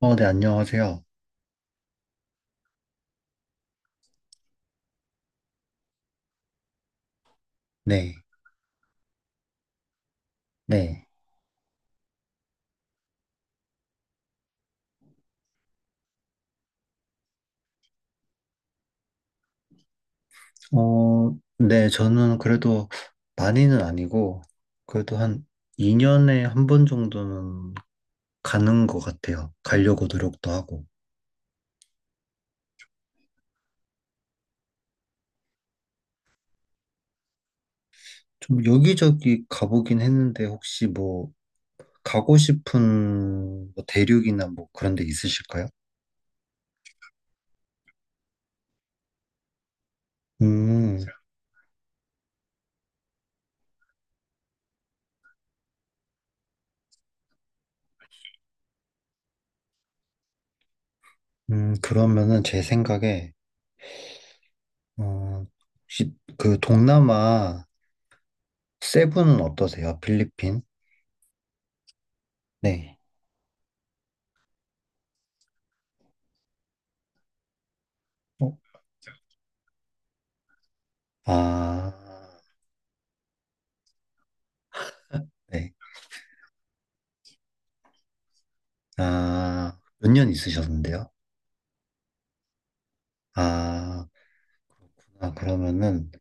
어, 네, 안녕하세요. 네. 네. 어, 네, 저는 그래도 많이는 아니고, 그래도 한 2년에 한 번 정도는 가는 것 같아요. 가려고 노력도 하고. 좀 여기저기 가보긴 했는데, 혹시 뭐, 가고 싶은 뭐 대륙이나 뭐 그런 데 있으실까요? 음, 그러면은 제 생각에, 어, 혹시 그 동남아 세부는 어떠세요? 필리핀? 네. 어? 아. 네. 아, 몇 년 있으셨는데요? 아, 그러면은,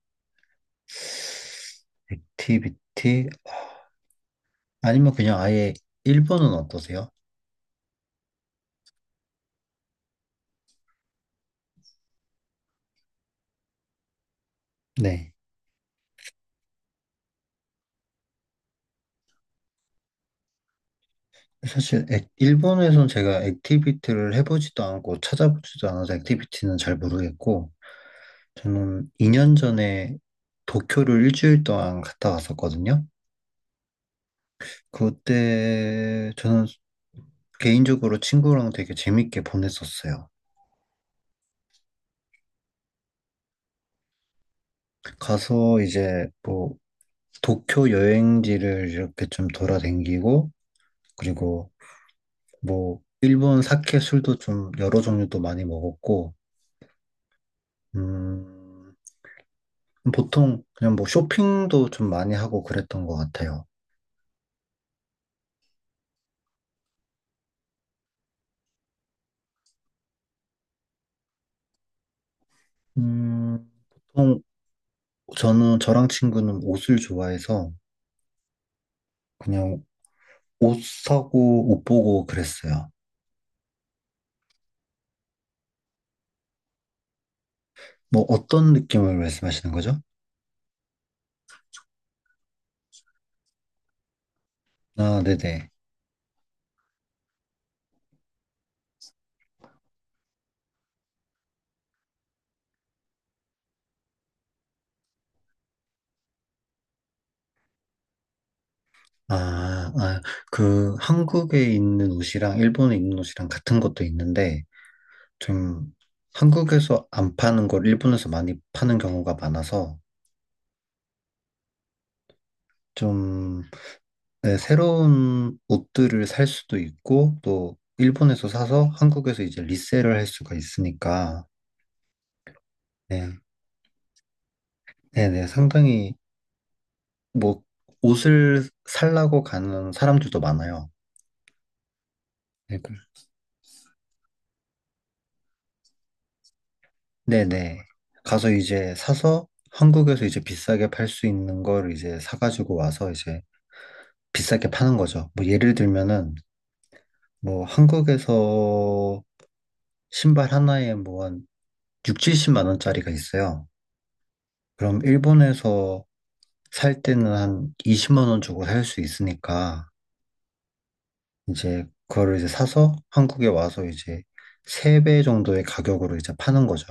액티비티, 아니면 그냥 아예 일본은 어떠세요? 네. 사실, 일본에선 제가 액티비티를 해보지도 않고 찾아보지도 않아서 액티비티는 잘 모르겠고, 저는 2년 전에 도쿄를 일주일 동안 갔다 왔었거든요. 그때 저는 개인적으로 친구랑 되게 재밌게 보냈었어요. 가서 이제 뭐 도쿄 여행지를 이렇게 좀 돌아다니고, 그리고 뭐, 일본 사케 술도 좀 여러 종류도 많이 먹었고, 음, 보통 그냥 뭐 쇼핑도 좀 많이 하고 그랬던 것 같아요. 음, 보통 저는 저랑 친구는 옷을 좋아해서 그냥 옷 사고 옷 보고 그랬어요. 뭐 어떤 느낌을 말씀하시는 거죠? 아, 네네. 아, 아, 그 한국에 있는 옷이랑 일본에 있는 옷이랑 같은 것도 있는데, 좀 한국에서 안 파는 걸 일본에서 많이 파는 경우가 많아서 좀 네, 새로운 옷들을 살 수도 있고 또 일본에서 사서 한국에서 이제 리셀을 할 수가 있으니까 네, 네, 네, 상당히 뭐 옷을 살라고 가는 사람들도 많아요. 네, 네. 네. 가서 이제 사서 한국에서 이제 비싸게 팔 수 있는 걸 이제 사가지고 와서 이제 비싸게 파는 거죠. 뭐 예를 들면은 뭐 한국에서 신발 하나에 뭐 한 6, 70만 원짜리가 있어요. 그럼 일본에서 살 때는 한 20만 원 주고 살 수 있으니까 이제 그거를 이제 사서 한국에 와서 이제 3배 정도의 가격으로 이제 파는 거죠.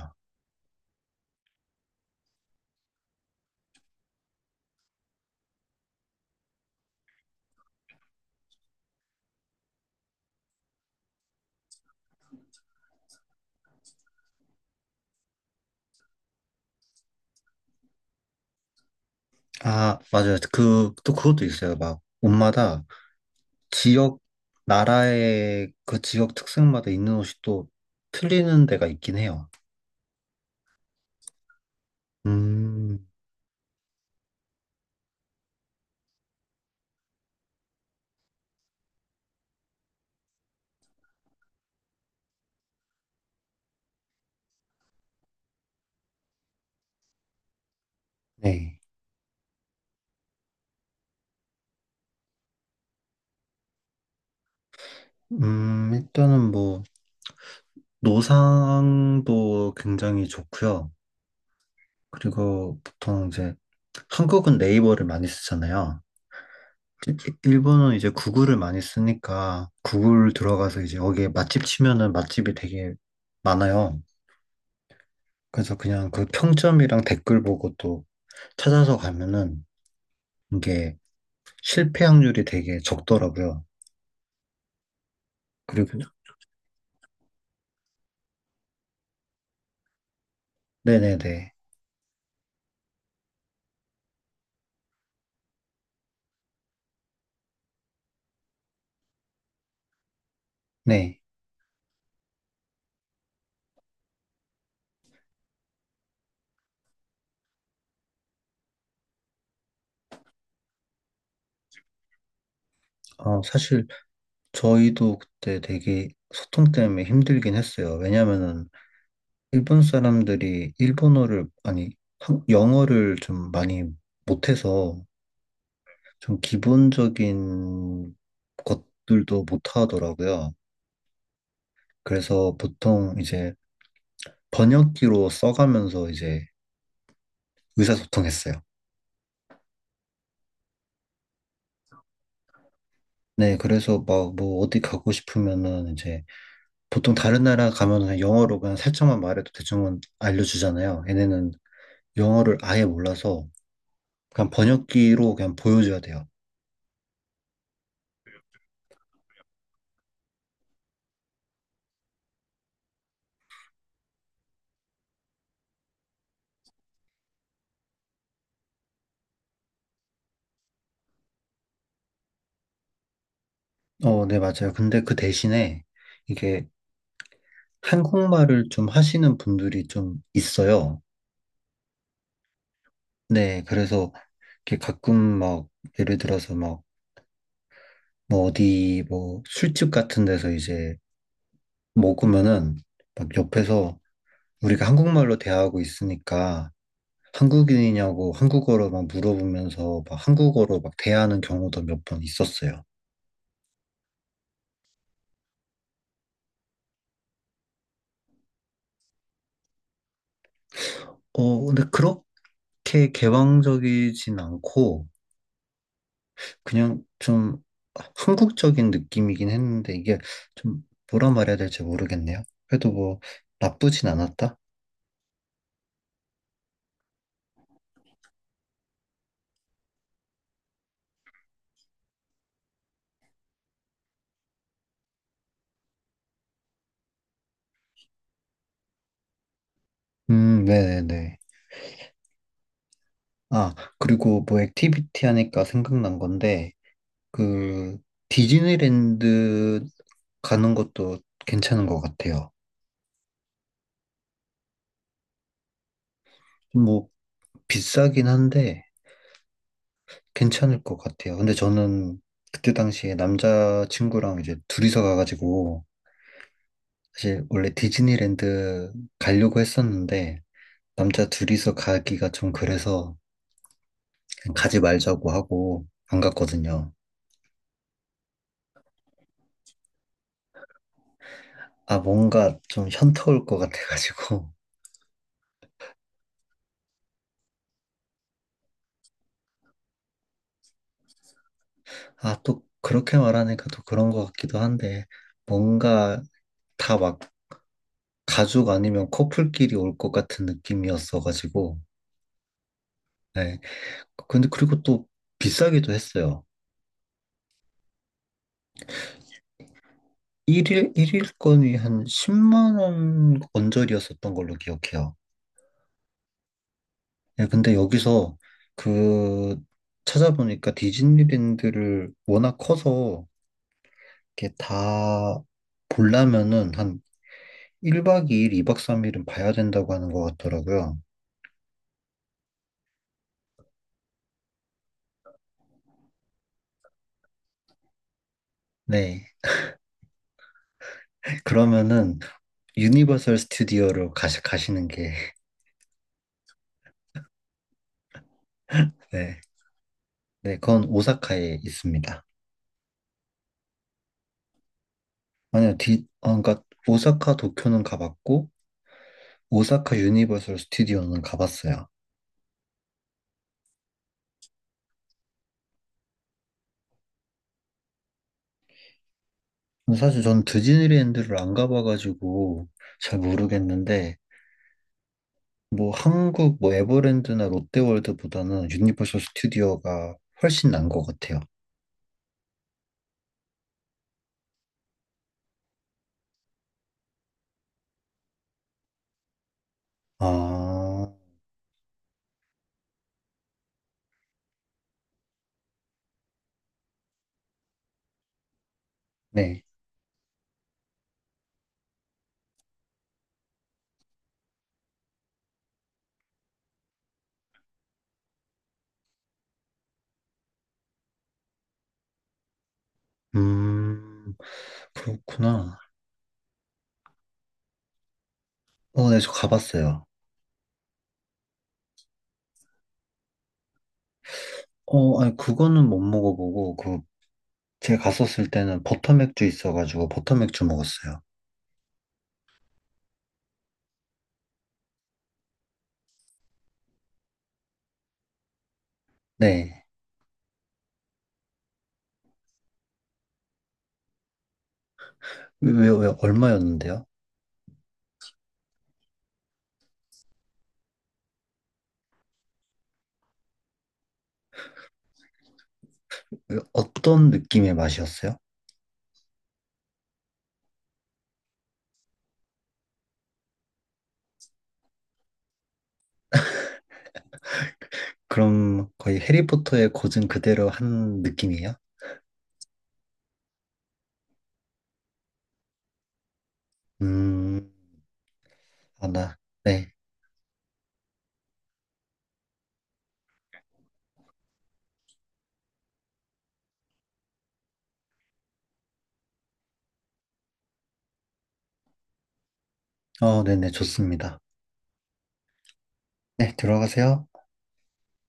아, 맞아요. 그, 또 그것도 있어요. 막 옷마다 지역, 나라의 그 지역 특색마다 있는 옷이 또 틀리는 데가 있긴 해요. 음, 네. 일단은 뭐 노상도 굉장히 좋고요. 그리고 보통 이제 한국은 네이버를 많이 쓰잖아요. 일- 일본은 이제 구글을 많이 쓰니까 구글 들어가서 이제 여기에 맛집 치면은 맛집이 되게 많아요. 그래서 그냥 그 평점이랑 댓글 보고 또 찾아서 가면은 이게 실패 확률이 되게 적더라고요. 그리고 네네네. 네. 어, 사실 저희도 그때 되게 소통 때문에 힘들긴 했어요. 왜냐면은 일본 사람들이 일본어를, 아니, 영어를 좀 많이 못해서 좀 기본적인 것들도 못하더라고요. 그래서 보통 이제 번역기로 써가면서 이제 의사소통했어요. 네, 그래서 막 뭐 어디 가고 싶으면은 이제 보통 다른 나라 가면은 그냥 영어로 그냥 살짝만 말해도 대충은 알려주잖아요. 얘네는 영어를 아예 몰라서 그냥 번역기로 그냥 보여줘야 돼요. 어, 네, 맞아요. 근데 그 대신에 이게 한국말을 좀 하시는 분들이 좀 있어요. 네, 그래서 이렇게 가끔 막 예를 들어서 막 뭐 어디 뭐 술집 같은 데서 이제 먹으면은 막 옆에서 우리가 한국말로 대하고 있으니까 한국인이냐고 한국어로 막 물어보면서 막 한국어로 막 대하는 경우도 몇 번 있었어요. 어, 근데 그렇게 개방적이진 않고 그냥 좀 한국적인 느낌이긴 했는데 이게 좀 뭐라 말해야 될지 모르겠네요. 그래도 뭐 나쁘진 않았다. 네네네. 아, 그리고 뭐 액티비티 하니까 생각난 건데 그 디즈니랜드 가는 것도 괜찮은 것 같아요. 뭐 비싸긴 한데 괜찮을 것 같아요. 근데 저는 그때 당시에 남자친구랑 이제 둘이서 가가지고 사실 원래 디즈니랜드 가려고 했었는데 남자 둘이서 가기가 좀 그래서 그냥 가지 말자고 하고 안 갔거든요. 아, 뭔가 좀 현타 올 것 같아가지고. 아, 또 그렇게 말하니까 또 그런 것 같기도 한데, 뭔가 다 막 가족 아니면 커플끼리 올 것 같은 느낌이었어가지고. 네. 근데 그리고 또 비싸기도 했어요. 일일일일건이한 10만 원 언저리였었던 걸로 기억해요. 예, 근데 여기서 그 찾아보니까 디즈니랜드를 워낙 커서 이렇게 다 보려면은 한 1박 2일, 2박 3일은 봐야 된다고 하는 것 같더라고요. 네. 그러면은 유니버설 스튜디오로 가시는 게, 네. 네, 그건 오사카에 있습니다. 아니요, 아, 그러니까 오사카 도쿄는 가봤고, 오사카 유니버설 스튜디오는 가봤어요. 사실 전 디즈니랜드를 안 가봐가지고 잘 모르겠는데, 뭐 한국 뭐 에버랜드나 롯데월드보다는 유니버설 스튜디오가 훨씬 난 것 같아요. 아, 네. 음, 그렇구나. 어, 네, 저 가봤어요. 어, 아니, 그거는 못 먹어보고, 그, 제가 갔었을 때는 버터맥주 있어가지고 버터맥주 먹었어요. 네. 왜, 얼마였는데요? 왜, 어떤 느낌의 맛이었어요? 그럼 거의 해리포터의 고증 그대로 한 느낌이에요? 음, 아, 나, 네. 어, 네네, 좋습니다. 네, 들어가세요.